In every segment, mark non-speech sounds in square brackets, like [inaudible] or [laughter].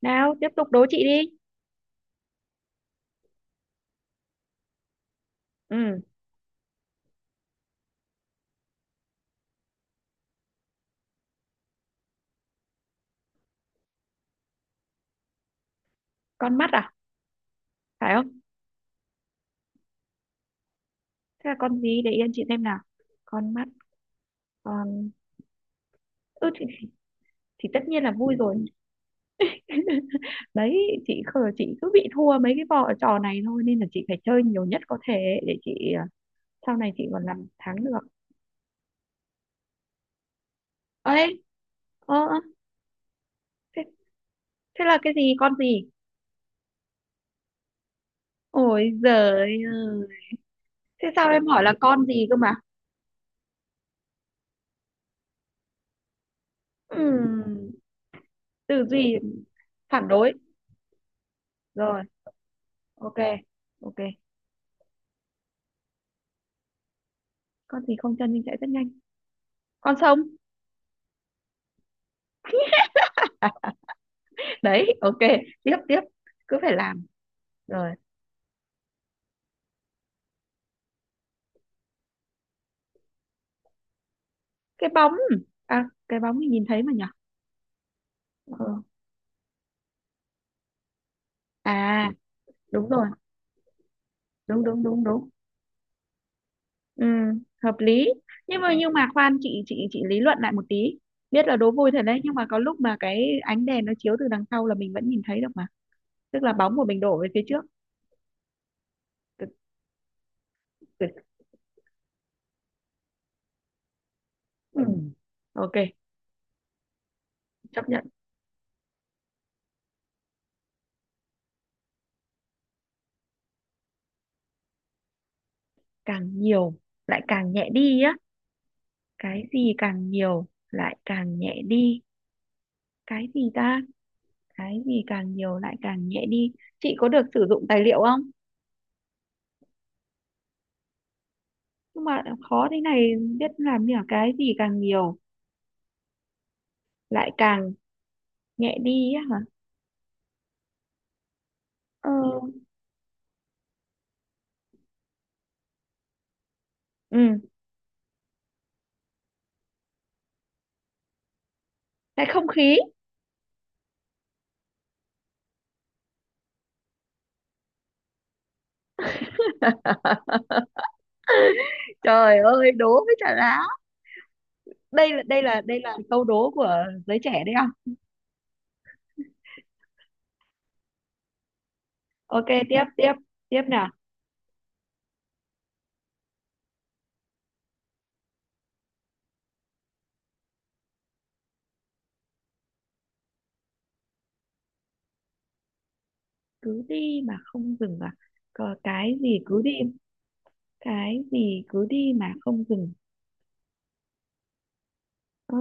Nào tiếp tục đố chị đi. Ừ. Con mắt à? Phải không? Thế là con gì? Để yên chị xem nào. Con mắt. con ừ, thì tất nhiên là vui rồi. [laughs] Đấy. Chị khờ, chị cứ bị thua mấy cái vò trò này thôi nên là chị phải chơi nhiều nhất có thể ấy, để chị à, sau này chị còn làm thắng được. Ấy. ờ ơ, thế, thế là cái gì, con gì? Ôi giời ơi. Thế sao em hỏi là con gì cơ mà? Ừm, Tư duy. Phản đối. Rồi. Ok, ok. Con gì không chân nhưng chạy rất nhanh? Con sông. Đấy, ok. Tiếp, tiếp. Cứ phải làm. Rồi. Cái bóng. À, cái bóng thì nhìn thấy mà nhở? Ừ. À. Đúng rồi. Đúng đúng đúng đúng. Ừ, hợp lý. Nhưng mà khoan, chị lý luận lại một tí. Biết là đố vui thật đấy, nhưng mà có lúc mà cái ánh đèn nó chiếu từ đằng sau là mình vẫn nhìn thấy được mà. Tức là bóng của mình đổ về phía trước. Cực- Cực. Ừ. Ok. Chấp nhận. Càng nhiều lại càng nhẹ đi á? Cái gì càng nhiều lại càng nhẹ đi? Cái gì ta? Cái gì càng nhiều lại càng nhẹ đi? Chị có được sử dụng tài liệu không? Nhưng mà khó thế này. Biết làm như là cái gì càng nhiều lại càng nhẹ đi á hả? ờ ừ. Cái không khí. [laughs] Trời ơi, đố với trả lá. Đây là câu đố của giới trẻ đấy không? Ok, tiếp, tiếp. Tiếp nào. Cứ đi mà không dừng à? Có cái gì cứ đi. Cái gì cứ đi mà không dừng? ờ,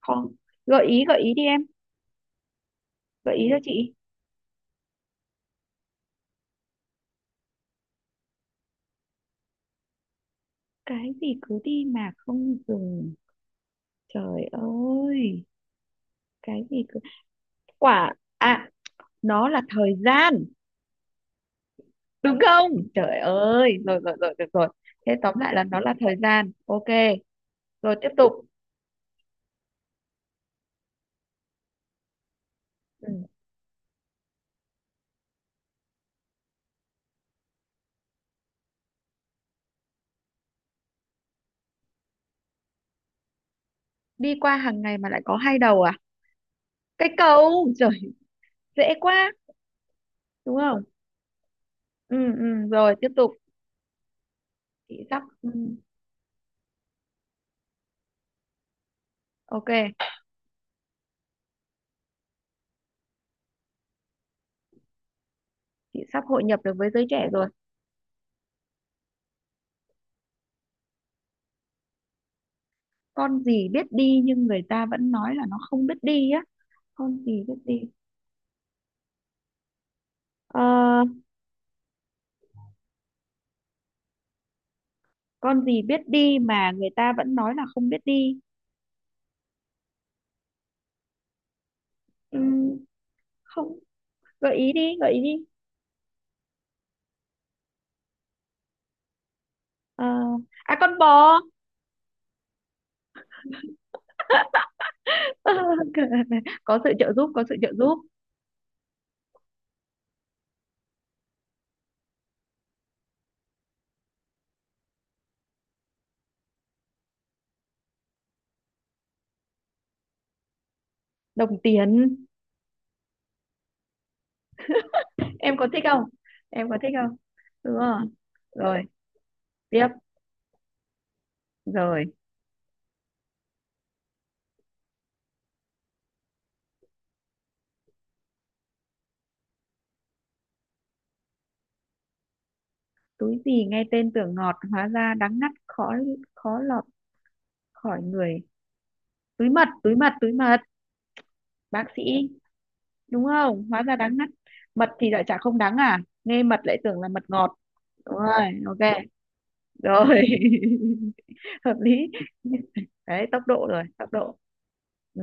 Không. Gợi ý gợi ý đi em. Gợi ý cho chị. Cái gì cứ đi mà không dừng? Trời ơi. Cái gì cứ. Quả à? Nó là thời gian. Đúng không? Trời ơi, rồi rồi rồi, được rồi. Thế tóm lại là nó là thời gian, ok. Rồi, tiếp tục. Ừ. Đi qua hàng ngày mà lại có hai đầu à? Cái cầu trời. Dễ quá. Đúng không? Ừ ừ, rồi tiếp tục. Chị sắp ok. Chị sắp hội nhập được với giới trẻ rồi. Con gì biết đi nhưng người ta vẫn nói là nó không biết đi á? Con gì biết đi? Ờ, con gì biết đi mà người ta vẫn nói là không biết đi? Ừm, Không. Gợi ý đi gợi ý đi. Ờ, con bò. [laughs] Có sự trợ giúp, có sự trợ giúp. Đồng tiền. Em có thích không, em có thích không? Đúng rồi. Rồi, tiếp. Rồi. Túi gì nghe tên tưởng ngọt, hóa ra đắng ngắt, khó khó lọt khỏi người? Túi mật, túi mật, túi mật. Bác sĩ. Đúng không? Hóa ra đắng ngắt. Mật thì lại chả không đắng à? Nghe mật lại tưởng là mật ngọt. Đúng rồi, ok. Rồi. [laughs] Hợp lý. Đấy, tốc độ rồi, tốc độ. Ừ.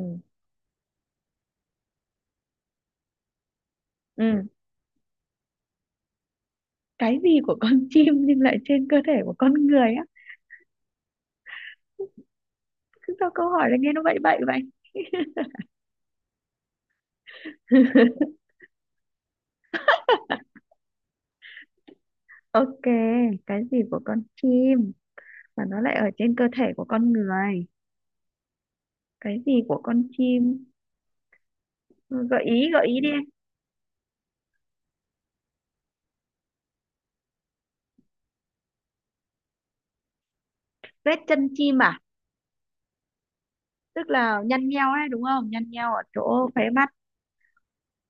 Ừ. Cái gì của con [laughs] chim nhưng lại trên cơ thể của con người á? Cứ sao câu hỏi là nghe nó bậy bậy vậy. [laughs] Ok. Cái gì của con chim mà nó lại ở trên cơ thể của con người? Cái gì của con chim? Ừ, gợi ý đi em. Vết chân chim à? Tức là nhăn nheo đấy, đúng không? Nhăn nheo ở chỗ khóe mắt.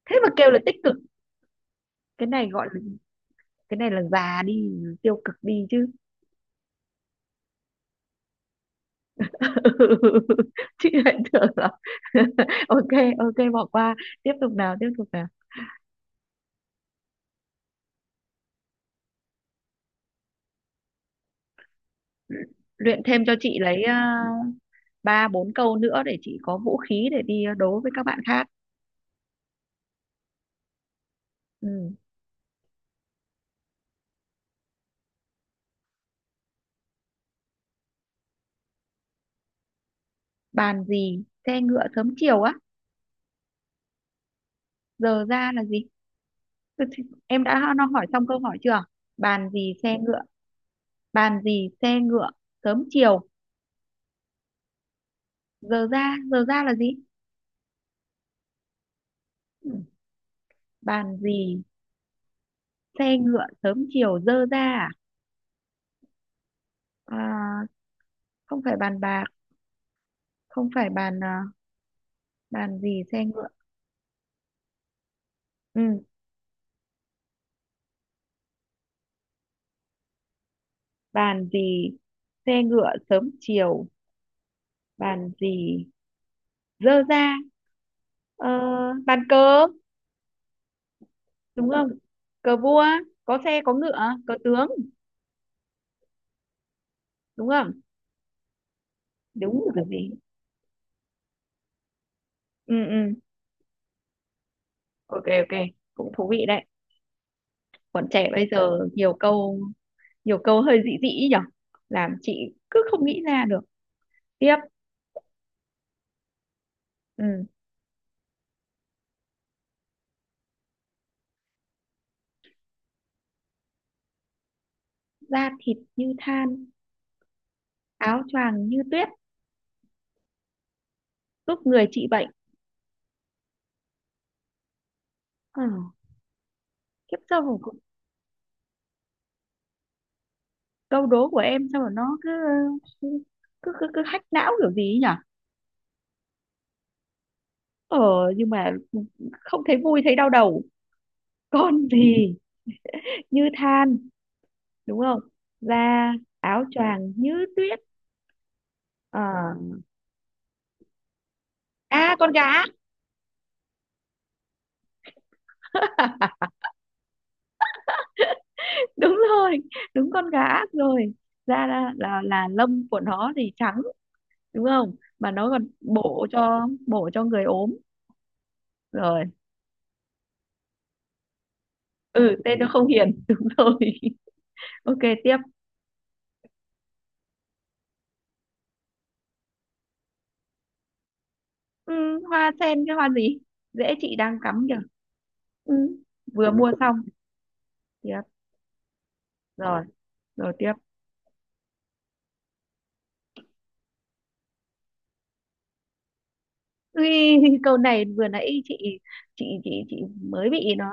Thế mà kêu là tích cực. Cái này gọi là. Cái này là già đi, tiêu cực đi chứ. [laughs] Chị lại tưởng là. [laughs] Ok. Ok, bỏ qua. Tiếp tục nào, tiếp tục nào. Luyện thêm cho chị lấy ba bốn câu nữa để chị có vũ khí để đi đấu với các bạn khác. Ừ. Bàn gì xe ngựa sớm chiều á? Giờ ra là gì? Ừ, thì em đã nó hỏi xong câu hỏi chưa? Bàn gì xe ngựa. Bàn gì xe ngựa sớm chiều giờ ra. Giờ ra là gì? Ừ. Bàn gì xe ngựa sớm chiều giờ ra à? À, không phải bàn bạc. Không phải bàn à, bàn gì xe ngựa. Ừ, bàn gì xe ngựa sớm chiều. Bàn gì dơ ra. ờ, Bàn cờ. Đúng không? Cờ vua có xe có ngựa. Cờ tướng. Đúng không? Đúng rồi gì. Ừ ừ. Ok ok. Cũng thú vị đấy. Bọn trẻ bây giờ nhiều câu, hơi dị dị ý nhở. Làm chị cứ không nghĩ ra được. Tiếp. Ừ. Da thịt như than, áo choàng như tuyết, giúp người trị bệnh. Ừ. Kiếp sau. Câu đố của em sao mà nó cứ cứ hack não kiểu gì ấy nhỉ? ờ nhưng mà không thấy vui, thấy đau đầu. Con [laughs] gì như than, đúng không? Da. Áo choàng như tuyết. ờ À, con gà. [laughs] Đúng rồi. Đúng con gà rồi. Da là lông của nó thì trắng. Đúng không? Mà nó còn bổ cho người ốm. Rồi. Ừ, tên nó không hiền. [laughs] Đúng rồi. Ok, tiếp. Ừ, hoa sen. Cái hoa gì? Dễ, chị đang cắm kìa. Ừ, vừa mua xong. Tiếp. Rồi, rồi, tiếp. Ui, [laughs] câu này vừa nãy chị mới bị nó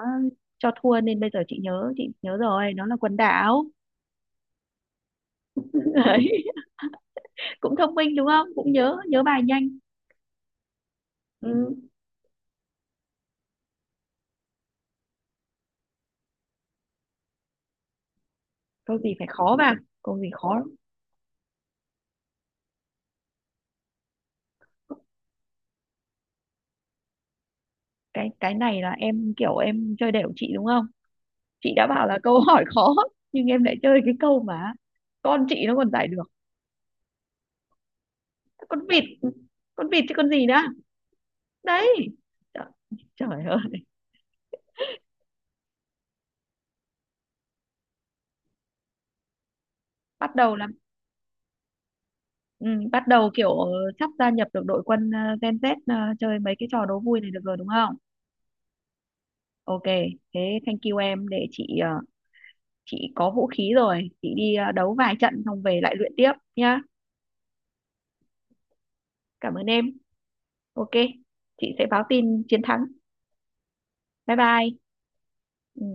cho thua nên bây giờ chị nhớ rồi, nó là quần đảo. [laughs] Đấy. Cũng thông minh, đúng không? Cũng nhớ nhớ bài nhanh. Ừ. Câu gì phải khó vào. Câu gì khó. Cái này là em kiểu em chơi đểu chị đúng không? Chị đã bảo là câu hỏi khó. Nhưng em lại chơi cái câu mà con chị nó còn giải được. Con vịt. Con vịt chứ con gì nữa. Đấy. Trời, trời ơi. Bắt đầu là. Ừ, bắt đầu kiểu sắp gia nhập được đội quân Gen Z chơi mấy cái trò đố vui này được rồi đúng không? Ok. Thế thank you em, để chị chị có vũ khí rồi, chị đi đấu vài trận xong về lại luyện tiếp nhá. Cảm ơn em. Ok. Chị sẽ báo tin chiến thắng. Bye bye. Ừ.